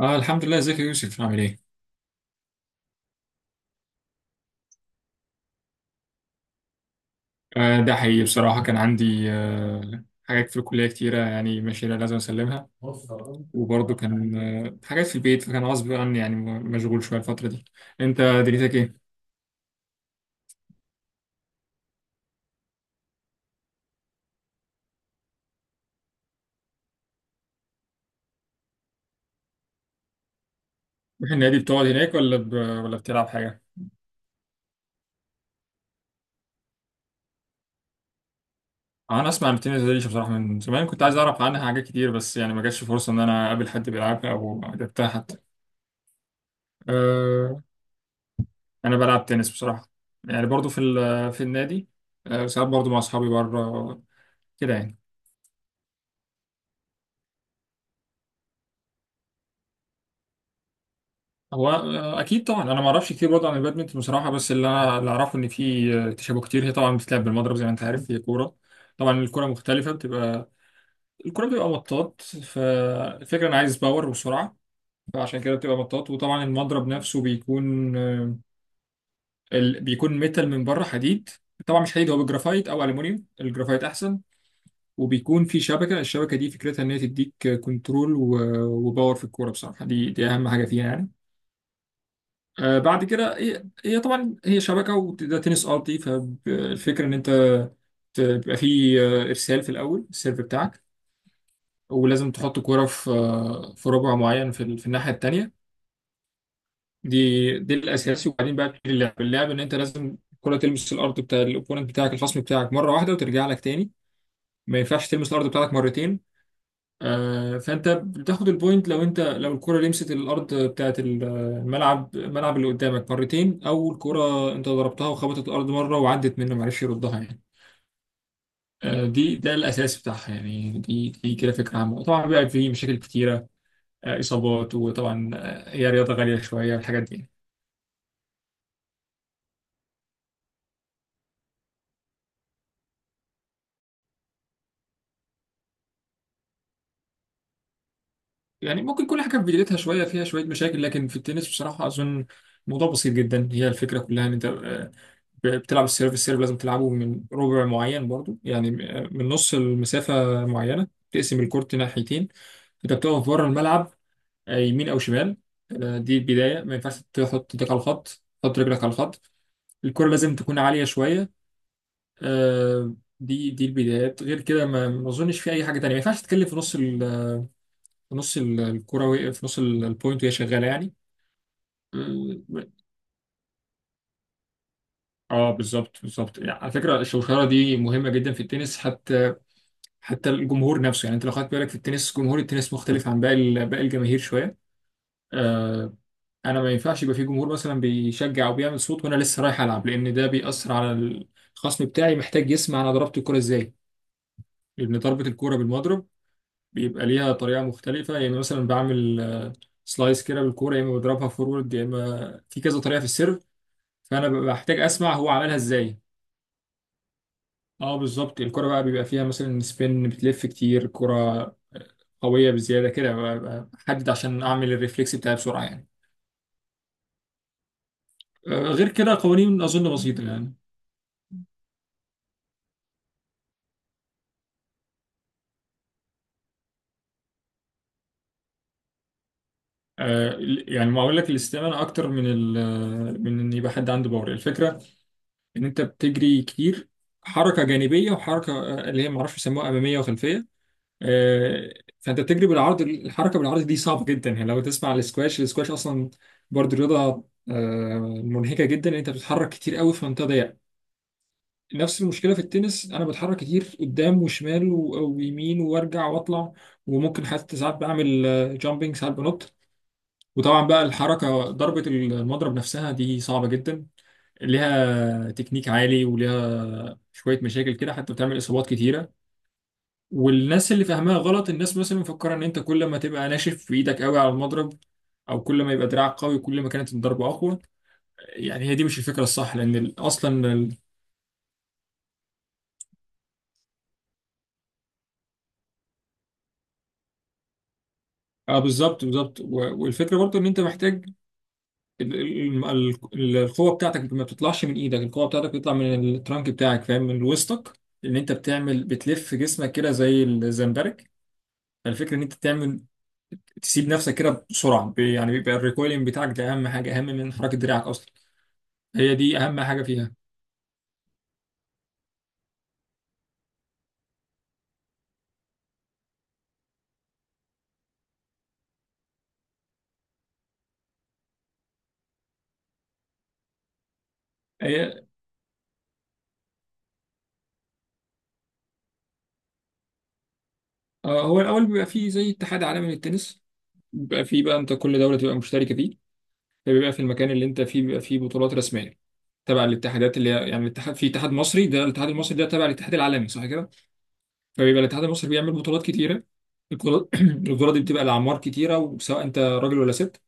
آه، الحمد لله. ازيك يا يوسف عامل ايه؟ آه، ده حقيقي. بصراحة كان عندي حاجات في الكلية كتيرة يعني ماشية لازم اسلمها. وبرضه كان حاجات في البيت، فكان غصب عني يعني مشغول شوية الفترة دي. انت دنيتك ايه؟ بتروح النادي بتقعد هناك ولا بتلعب حاجة؟ انا اسمع عن التنس دي بصراحة، من زمان كنت عايز اعرف عنها حاجات كتير، بس يعني ما جاتش فرصة ان انا اقابل حد بيلعبها او لعبتها حتى. آه انا بلعب تنس بصراحة، يعني برضه في النادي، ساعات برضه مع اصحابي بره كده يعني. هو اكيد طبعا. انا ما اعرفش كتير برضه عن البادمنتون بصراحه، بس اللي اعرفه ان في تشابه كتير. هي طبعا بتتلعب بالمضرب زي ما انت عارف، هي كوره. طبعا الكوره مختلفه بتبقى. الكوره بتبقى مطاط، فالفكره انا عايز باور وسرعه. فعشان كده بتبقى مطاط. وطبعا المضرب نفسه بيكون بيكون ميتال من بره، حديد. طبعا مش حديد، هو بالجرافايت او الومنيوم، الجرافايت احسن. وبيكون في شبكه. الشبكه دي فكرتها ان هي تديك كنترول وباور في الكوره بصراحه. دي اهم حاجه فيها يعني. بعد كده هي طبعا، هي شبكه وده تنس ارضي. فالفكره ان انت بيبقى فيه ارسال في الاول، السيرف بتاعك. ولازم تحط كوره في ربع معين، في الناحيه التانيه. دي الاساسي. وبعدين بقى بتبتدي اللعب. اللعب ان انت لازم الكوره تلمس الارض بتاع الاوبوننت بتاعك، الخصم بتاعك، مره واحده وترجع لك تاني. ما ينفعش تلمس الارض بتاعتك مرتين. فانت بتاخد البوينت لو الكرة لمست الارض بتاعت الملعب اللي قدامك مرتين، او الكرة انت ضربتها وخبطت الارض مرة وعدت منه، معرفش يردها يعني. آه، دي ده الاساس بتاعها يعني. دي كده فكرة عامة. طبعا بقى في مشاكل كتيرة، اصابات، وطبعا هي رياضة غالية شوية الحاجات دي. يعني ممكن كل حاجة في بدايتها شوية فيها شوية مشاكل، لكن في التنس بصراحة أظن الموضوع بسيط جدا. هي الفكرة كلها إن أنت بتلعب السيرف. السيرف لازم تلعبه من ربع معين برضو، يعني من نص المسافة معينة تقسم الكورت ناحيتين. أنت بتقف بره الملعب، يمين أو شمال. دي البداية. ما ينفعش تحط ايدك على الخط، تحط رجلك على الخط. الكرة لازم تكون عالية شوية. آه، دي البدايات. غير كده، ما أظنش في أي حاجة تانية. ما ينفعش تتكلم في نص البوينت وهي شغالة يعني. اه، بالظبط يعني. على فكره الشوشره دي مهمه جدا في التنس، حتى الجمهور نفسه. يعني انت لو خدت بالك، في التنس جمهور التنس مختلف عن باقي الجماهير شويه. آه انا ما ينفعش يبقى في جمهور مثلا بيشجع او بيعمل صوت وانا لسه رايح العب، لان ده بيأثر على الخصم بتاعي. محتاج يسمع انا ضربت الكوره ازاي، لان ضربه الكوره بالمضرب بيبقى ليها طريقه مختلفه. يعني مثلا بعمل سلايس كده بالكوره، يا اما بضربها فورورد، يا اما في كذا طريقه في السيرف. فانا ببقى محتاج اسمع هو عملها ازاي. اه بالظبط. الكرة بقى بيبقى فيها مثلا سبين، بتلف كتير. كرة قوية بزيادة كده، بقى أحدد عشان أعمل الريفلكس بتاعي بسرعة يعني. غير كده القوانين أظن بسيطة يعني. يعني ما أقول لك الاستمانة أكتر من من إن يبقى حد عنده باور. الفكرة إن أنت بتجري كتير، حركة جانبية وحركة اللي هي معرفش يسموها، أمامية وخلفية. آه، فأنت بتجري بالعرض. الحركة بالعرض دي صعبة جدا يعني. لو تسمع السكواش، السكواش أصلا برضه رياضة منهكة جدا، إن أنت بتتحرك كتير قوي في منطقة ضيقة. نفس المشكله في التنس، انا بتحرك كتير قدام وشمال ويمين وارجع واطلع. وممكن حتى ساعات بعمل جامبنج، ساعات بنط. وطبعا بقى الحركه، ضربه المضرب نفسها دي صعبه جدا، ليها تكنيك عالي وليها شويه مشاكل كده، حتى بتعمل اصابات كتيره. والناس اللي فاهماها غلط، الناس مثلا مفكره ان انت كل ما تبقى ناشف في ايدك، قوي على المضرب، او كل ما يبقى دراعك قوي، كل ما كانت الضربه اقوى. يعني هي دي مش الفكره الصح. لان اصلا اه، بالظبط والفكره برضو ان انت محتاج. القوه بتاعتك ما بتطلعش من ايدك، القوه بتاعتك بتطلع من الترانك بتاعك، فاهم، من وسطك. ان انت بتعمل، بتلف جسمك كده زي الزمبرك. الفكره ان انت تعمل، تسيب نفسك كده بسرعه، يعني بيبقى الريكويلنج بتاعك ده اهم حاجه، اهم من حركه دراعك اصلا. هي دي اهم حاجه فيها. هي آه، هو الاول بيبقى فيه زي اتحاد عالمي للتنس. بيبقى فيه بقى، انت كل دوله تبقى مشتركه فيه. فبيبقى في المكان اللي انت فيه بيبقى فيه بطولات رسميه، تبع الاتحادات اللي هي يعني الاتحاد. في اتحاد مصري، ده الاتحاد المصري، ده تبع الاتحاد العالمي صح كده. فبيبقى الاتحاد المصري بيعمل بطولات كتيره. البطولات دي بتبقى لأعمار كتيره، وسواء انت راجل ولا ست.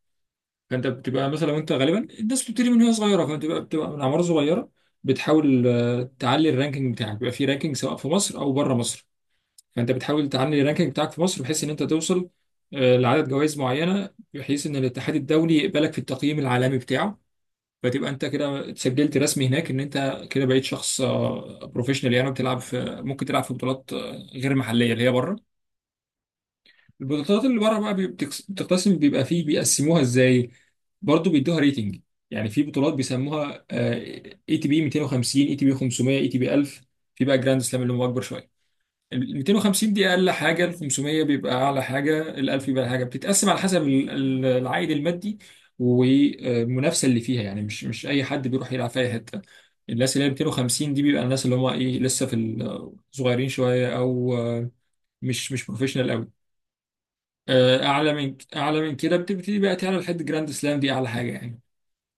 فانت بتبقى مثلا، وانت غالبا الناس بتبتدي من وهي صغيره، فانت بتبقى من اعمار صغيره. بتحاول تعلي الرانكينج بتاعك. بيبقى في رانكينج سواء في مصر او بره مصر، فانت بتحاول تعلي الرانكينج بتاعك في مصر، بحيث ان انت توصل لعدد جوائز معينه، بحيث ان الاتحاد الدولي يقبلك في التقييم العالمي بتاعه. فتبقى انت كده اتسجلت رسمي هناك، ان انت كده بقيت شخص بروفيشنال يعني. بتلعب في ممكن تلعب في بطولات غير محليه، اللي هي بره. البطولات اللي بره بقى، بتقتسم. بيبقى فيه، بيقسموها ازاي؟ برضه بيدوها ريتنج. يعني في بطولات بيسموها اي تي بي 250، اي تي بي 500، اي تي بي 1000. في بقى جراند سلام اللي هم اكبر شويه. ال 250 دي اقل حاجه، ال 500 بيبقى اعلى حاجه، ال 1000 بيبقى أعلى حاجه. بتتقسم على حسب العائد المادي والمنافسه اللي فيها يعني. مش اي حد بيروح يلعب في اي حته. الناس اللي هي 250 دي بيبقى الناس اللي هم ايه، لسه في الصغيرين شويه، او مش بروفيشنال. اعلى من كده بتبتدي بقى تعلى لحد جراند سلام، دي اعلى حاجه يعني.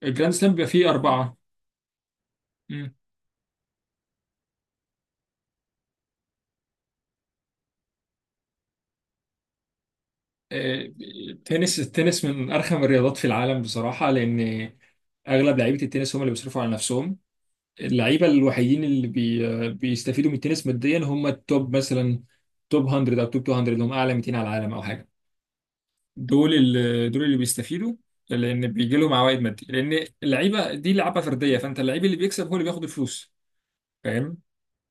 الجراند سلام بيبقى فيه اربعه. مم. آه، التنس من ارخم الرياضات في العالم بصراحه، لان اغلب لعيبه التنس هم اللي بيصرفوا على نفسهم. اللعيبه الوحيدين اللي بيستفيدوا من التنس ماديا هم التوب. مثلا توب 100 او توب 200 اللي هم اعلى 200 على العالم او حاجه، دول اللي بيستفيدوا، لان بيجي لهم عوائد ماديه، لان اللعيبه دي لعبه فرديه. فانت اللعيب اللي بيكسب هو اللي بياخد الفلوس، فاهم.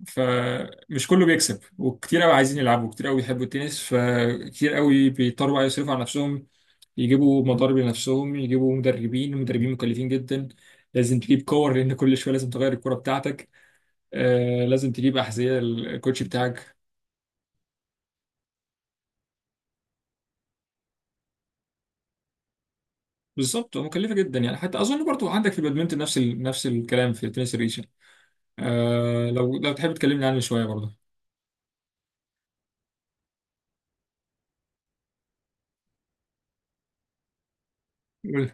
فمش كله بيكسب، وكتير قوي عايزين يلعبوا، وكتير قوي بيحبوا التنس، فكتير قوي بيضطروا بقى يصرفوا على نفسهم. يجيبوا مضارب لنفسهم، يجيبوا مدربين مكلفين جدا. لازم تجيب كور، لان كل شويه لازم تغير الكوره بتاعتك. لازم تجيب احذيه، الكوتش بتاعك. بالظبط، مكلفه جدا يعني. حتى اظن برضو عندك في البادمنتون نفس الكلام في التنس الريشه. لو تحب تكلمني عنه شويه برضو. قول.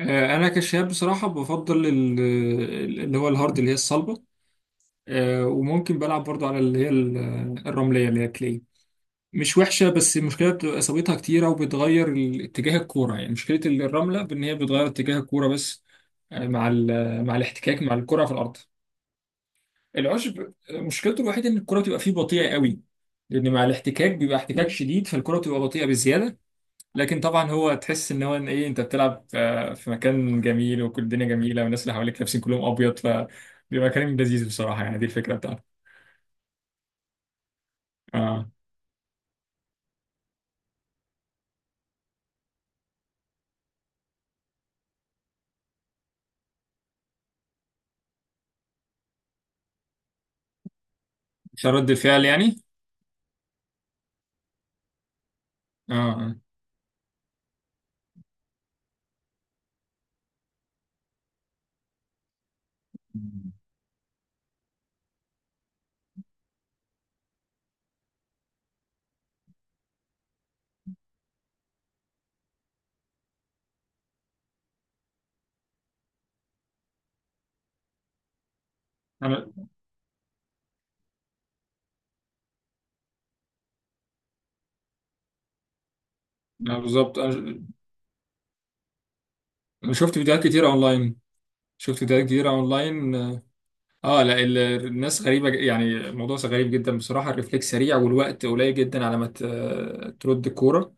انا كشاب بصراحه بفضل اللي هو الهارد، اللي هي الصلبه. وممكن بلعب برضو على اللي هي الرملية اللي هي كلي. مش وحشة، بس المشكلة بتبقى إصابتها كتيرة، وبتغير اتجاه الكورة. يعني مشكلة الرملة بإن هي بتغير اتجاه الكورة بس، آه، مع ال- آه، مع الاحتكاك مع الكرة في الأرض. العشب مشكلته الوحيدة إن الكرة بتبقى فيه بطيئة قوي، لأن مع الاحتكاك بيبقى احتكاك شديد، فالكرة بتبقى بطيئة بزيادة. لكن طبعا هو تحس إن هو، إن إيه أنت بتلعب في مكان جميل، وكل الدنيا جميلة والناس اللي حواليك لابسين كلهم أبيض، فبيبقى كلام لذيذ بصراحة يعني، دي الفكرة بتاعته. آه. مش رد الفعل يعني؟ اه، آه. مم. انا. بالظبط، انا. أنا شفت فيديوهات كتيره اونلاين. اه. لا، الناس غريبه، يعني الموضوع غريب جدا بصراحه. الريفلكس سريع والوقت قليل جدا على ما ترد الكوره،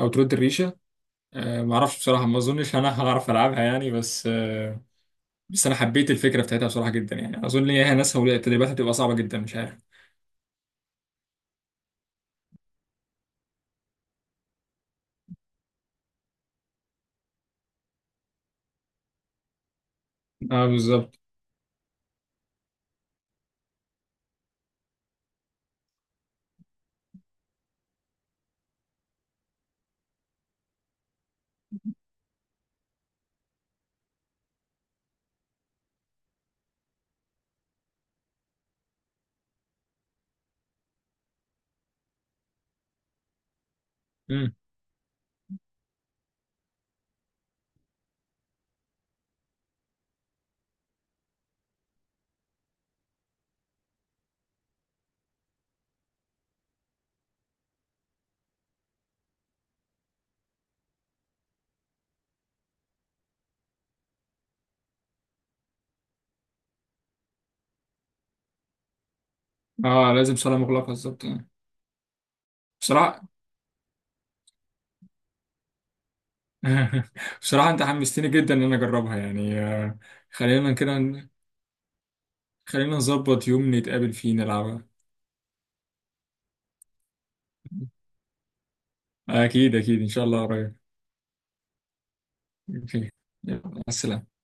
او ترد الريشه. ما اعرفش بصراحه، ما اظنش انا هعرف العبها يعني، بس انا حبيت الفكره بتاعتها بصراحه جدا يعني. اظن ان هي ناسها والتدريبات هتبقى صعبه جدا، مش عارف. اه بالظبط. مم. اه، لازم صاله مغلقه بالظبط. آه. بصراحه بصراحة أنت حمستني جدا إن أنا أجربها يعني. خلينا كده ن- خلينا نظبط يوم نتقابل فيه نلعبها. أكيد أكيد إن شاء الله قريب. أوكي. يلا، مع السلامة.